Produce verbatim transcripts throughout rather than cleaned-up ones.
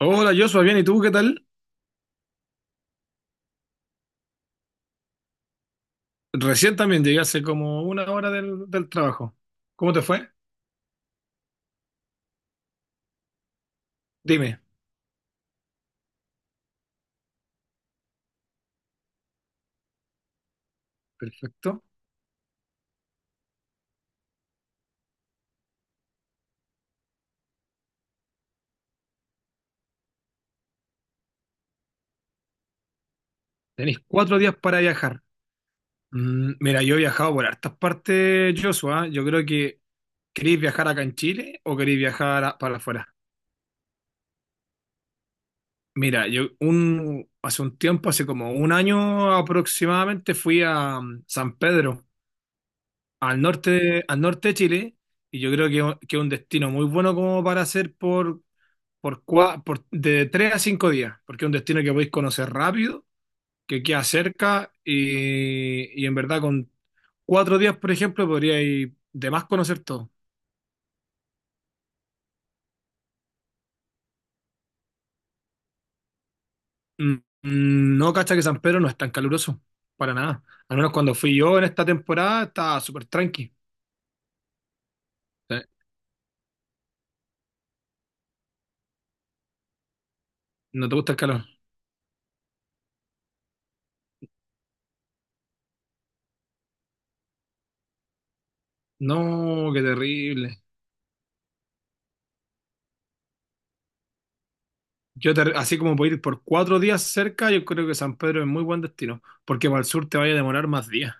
Hola, Joshua, bien, ¿y tú qué tal? Recién también llegué hace como una hora del, del trabajo. ¿Cómo te fue? Dime. Perfecto. Tenéis cuatro días para viajar. Mm, mira, yo he viajado por hartas partes, Joshua. Yo creo que queréis viajar acá en Chile o queréis viajar a- para afuera. Mira, yo un, hace un tiempo, hace como un año aproximadamente, fui a mm, San Pedro, al norte, al norte de Chile, y yo creo que, que es un destino muy bueno como para hacer por por, cua- por de tres a cinco días, porque es un destino que podéis conocer rápido, que queda cerca y, y en verdad con cuatro días, por ejemplo, podríais de más conocer todo. Mm, mm, No, cacha que San Pedro no es tan caluroso, para nada. Al menos cuando fui yo en esta temporada estaba súper tranqui. Eh, ¿No te gusta el calor? No, qué terrible. Yo te- así como puedo ir por cuatro días cerca, yo creo que San Pedro es muy buen destino, porque para el sur te vaya a demorar más días.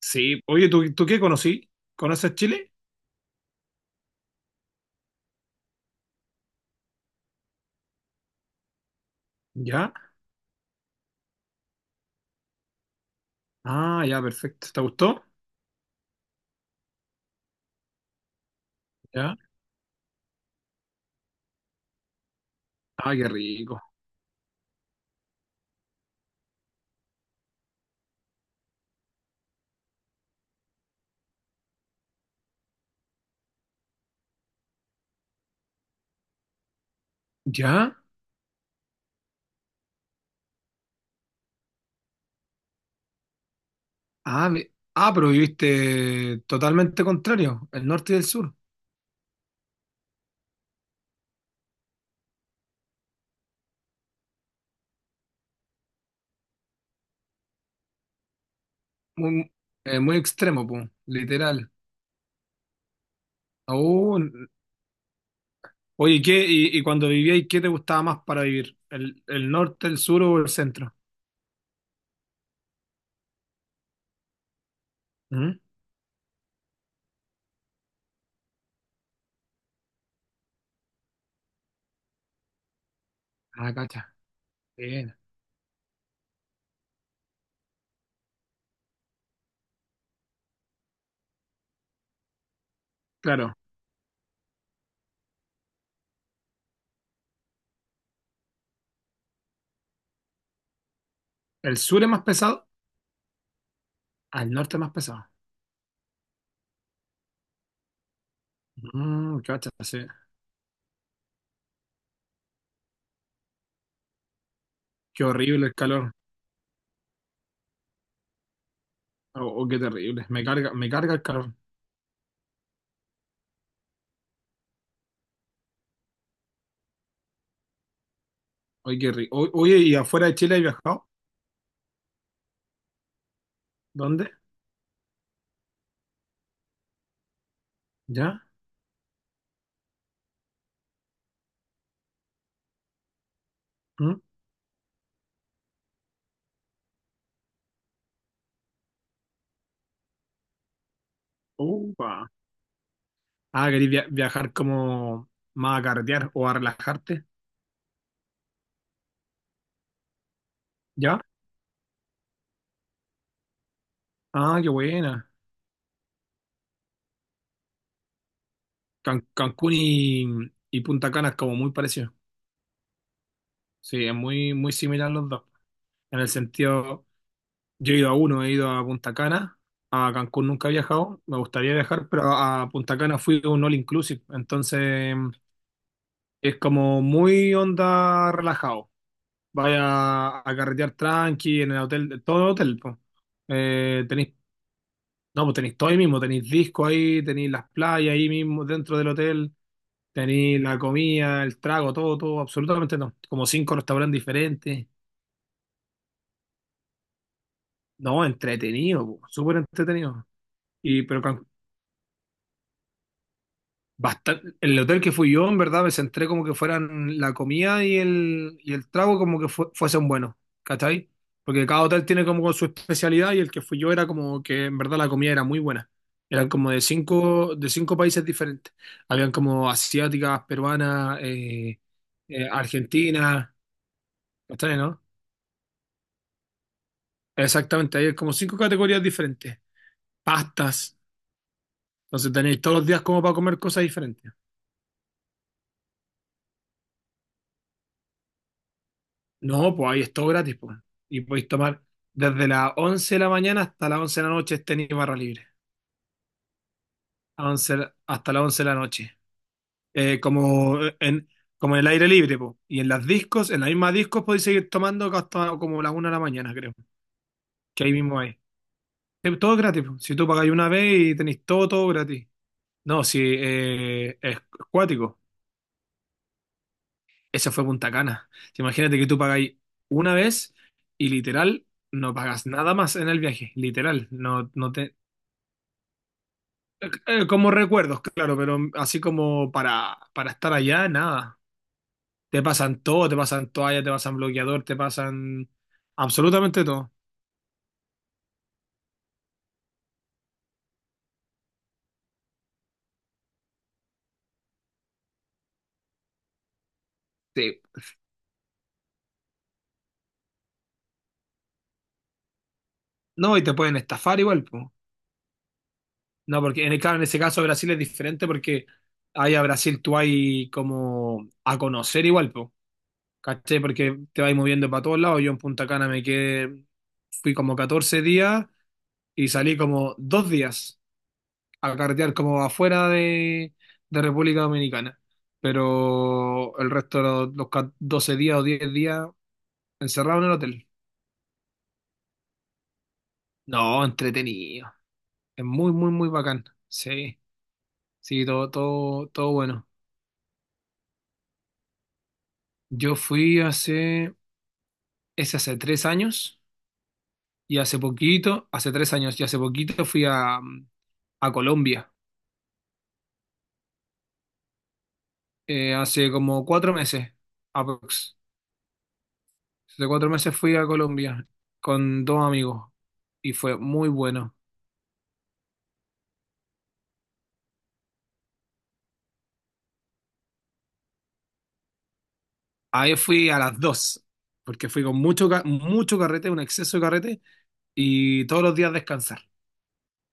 Sí, oye, ¿tú, tú qué conocí? ¿Conoces Chile? ¿Ya? Ah, ya, perfecto. ¿Te gustó? ¿Ya? Ah, qué rico. ¿Ya? Ah, mi- ah, pero viviste totalmente contrario, el norte y el sur. Muy, eh, muy extremo, pues, literal. Oh, n- oye, ¿y ¿qué? Y, y cuando vivíais, ¿qué te gustaba más para vivir? ¿El, el norte, el sur o el centro? ¿Mm? Ah, cacha. Bien. Claro, el sur es más pesado, al norte es más pesado. Mm, cacha, sí. Qué horrible el calor. Oh, oh, qué terrible. Me carga, me carga el calor. Oye, qué rico. O- Oye, ¿y afuera de Chile has viajado? ¿Dónde? ¿Ya? ¿Mm? Upa. Ah, ¿querés via- viajar como más a carretear o a relajarte? ¿Ya? Ah, qué buena. Can- Cancún y, y Punta Cana es como muy parecido. Sí, es muy, muy similar los dos. En el sentido, yo he ido a uno, he ido a Punta Cana. A Cancún nunca he viajado, me gustaría viajar, pero a Punta Cana fui a un all inclusive. Entonces, es como muy onda relajado. Vaya a carretear tranqui en el hotel, todo el hotel, po. Eh, tenéis, no, pues tenéis todo ahí mismo, tenéis disco ahí, tenéis las playas ahí mismo dentro del hotel, tenéis la comida, el trago, todo, todo, absolutamente no. Como cinco restaurantes diferentes. No, entretenido, po, súper entretenido. Y pero Can- Bastante, el hotel que fui yo, en verdad, me centré como que fueran la comida y el, y el trago como que fue, fuesen buenos, ¿cachai? Porque cada hotel tiene como su especialidad y el que fui yo era como que en verdad la comida era muy buena. Eran como de cinco, de cinco países diferentes. Habían como asiáticas, peruanas, eh, eh, argentinas, ¿cachai, no? Exactamente, hay como cinco categorías diferentes. Pastas, entonces tenéis todos los días como para comer cosas diferentes. No, pues ahí es todo gratis, pues. Y podéis tomar desde las once de la mañana hasta las once de la noche es tenis barra libre. A once la- hasta las once de la noche. Eh, como eh, en, como en el aire libre, pues. Y en las discos, en las mismas discos podéis seguir tomando hasta como las una de la mañana, creo. Que ahí mismo hay. Eh, Todo gratis, po. Si tú pagáis una vez y tenéis todo, todo gratis. No, si eh, es cuático. Esa fue Punta Cana. Si, imagínate que tú pagáis una vez y literal no pagas nada más en el viaje, literal. No, no te, Eh, como recuerdos, claro, pero así como para, para estar allá, nada. Te pasan todo, te pasan toalla, te pasan bloqueador, te pasan absolutamente todo. Sí. No, y te pueden estafar igual, po. No, porque en el, claro, en ese caso Brasil es diferente porque ahí a Brasil tú hay como a conocer igual, po. ¿Cachai? Porque te vas moviendo para todos lados. Yo en Punta Cana me quedé, fui como catorce días y salí como dos días. A carretear como afuera de, de República Dominicana. Pero el resto de los, los ca- doce días o diez días encerrado en el hotel. No, entretenido. Es muy, muy, muy bacán. Sí, sí, todo, todo, todo bueno. Yo fui hace, es hace tres años y hace poquito, hace tres años y hace poquito fui a, a Colombia. Eh, hace como cuatro meses, aprox. Hace cuatro meses fui a Colombia con dos amigos y fue muy bueno. Ahí fui a las dos porque fui con mucho, ca- mucho carrete, un exceso de carrete, y todos los días descansar,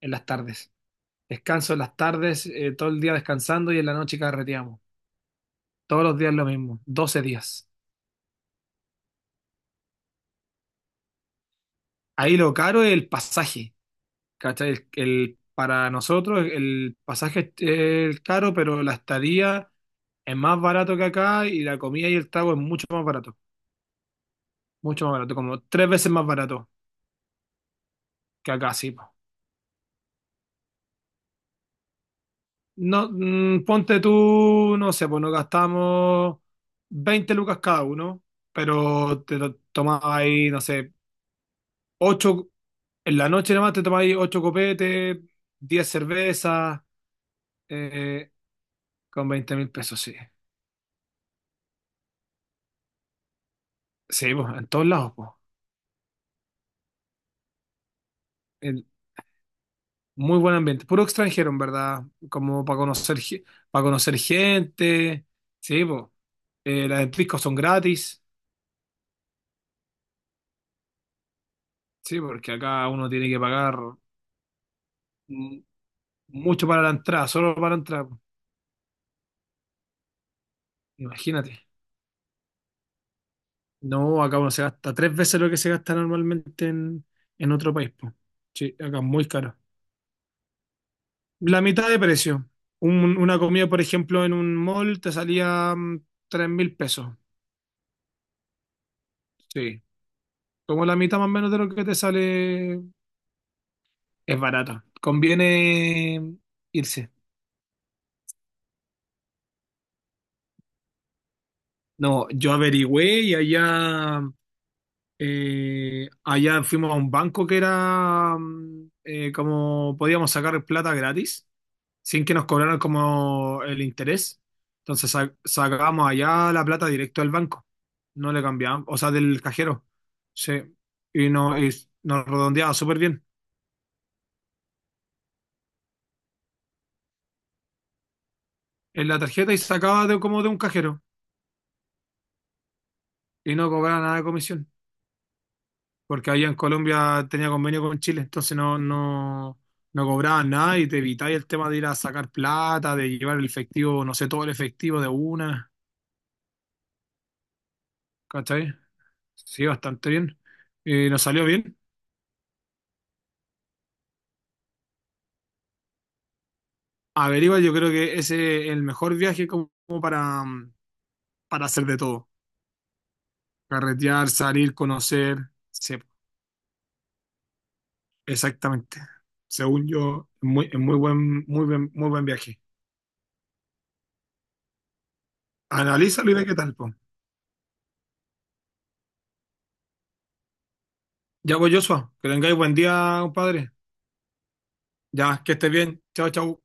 en las tardes. Descanso en las tardes, eh, todo el día descansando y en la noche carreteamos. Todos los días lo mismo, doce días. Ahí lo caro es el pasaje, ¿cachai? El, el- para nosotros el pasaje es es caro, pero la estadía es más barato que acá y la comida y el trago es mucho más barato, mucho más barato, como tres veces más barato que acá, sí. No, mm, ponte tú, no sé, pues nos gastamos veinte lucas cada uno, pero te to- tomás ahí, no sé, ocho en la noche nomás te tomás ahí ocho copetes, diez cervezas, eh, con veinte mil pesos, sí. Sí, pues, en todos lados, pues. El- Muy buen ambiente, puro extranjero, en verdad, como para conocer, para conocer, gente, sí, pues. Eh, las discos son gratis, sí, porque acá uno tiene que pagar. mm, Mucho para la entrada, solo para la entrada. Imagínate. No, acá uno se gasta tres veces lo que se gasta normalmente en, en otro país, po. Sí, acá es muy caro. La mitad de precio. Un- una comida, por ejemplo, en un mall te salía mm, tres mil pesos. Sí. Como la mitad más o menos de lo que te sale. Es barata. Conviene irse. No, yo averigüé y allá Eh, allá fuimos a un banco que era mm, eh, como podíamos sacar plata gratis, sin que nos cobraran como el interés. Entonces sa- sacábamos allá la plata directo del banco. No le cambiábamos, o sea, del cajero. Sí. Y, no, y nos redondeaba súper bien en la tarjeta y sacaba de, como de un cajero y no cobraba nada de comisión. Porque allá en Colombia tenía convenio con Chile, entonces no, no, no cobraban nada y te evitabas el tema de ir a sacar plata, de llevar el efectivo, no sé, todo el efectivo de una, ¿cachai? Sí, bastante bien. Eh, nos salió bien. Averigua, yo creo que ese es el mejor viaje como, como para, mm, para hacer de todo. Carretear, salir, conocer. Sí, exactamente. Según yo, es muy, es muy buen, muy buen, muy buen viaje. Analízalo y ve qué tal, po. Ya voy, Joshua. Que tengáis buen día, compadre. Ya, que estés bien. Chao, chao.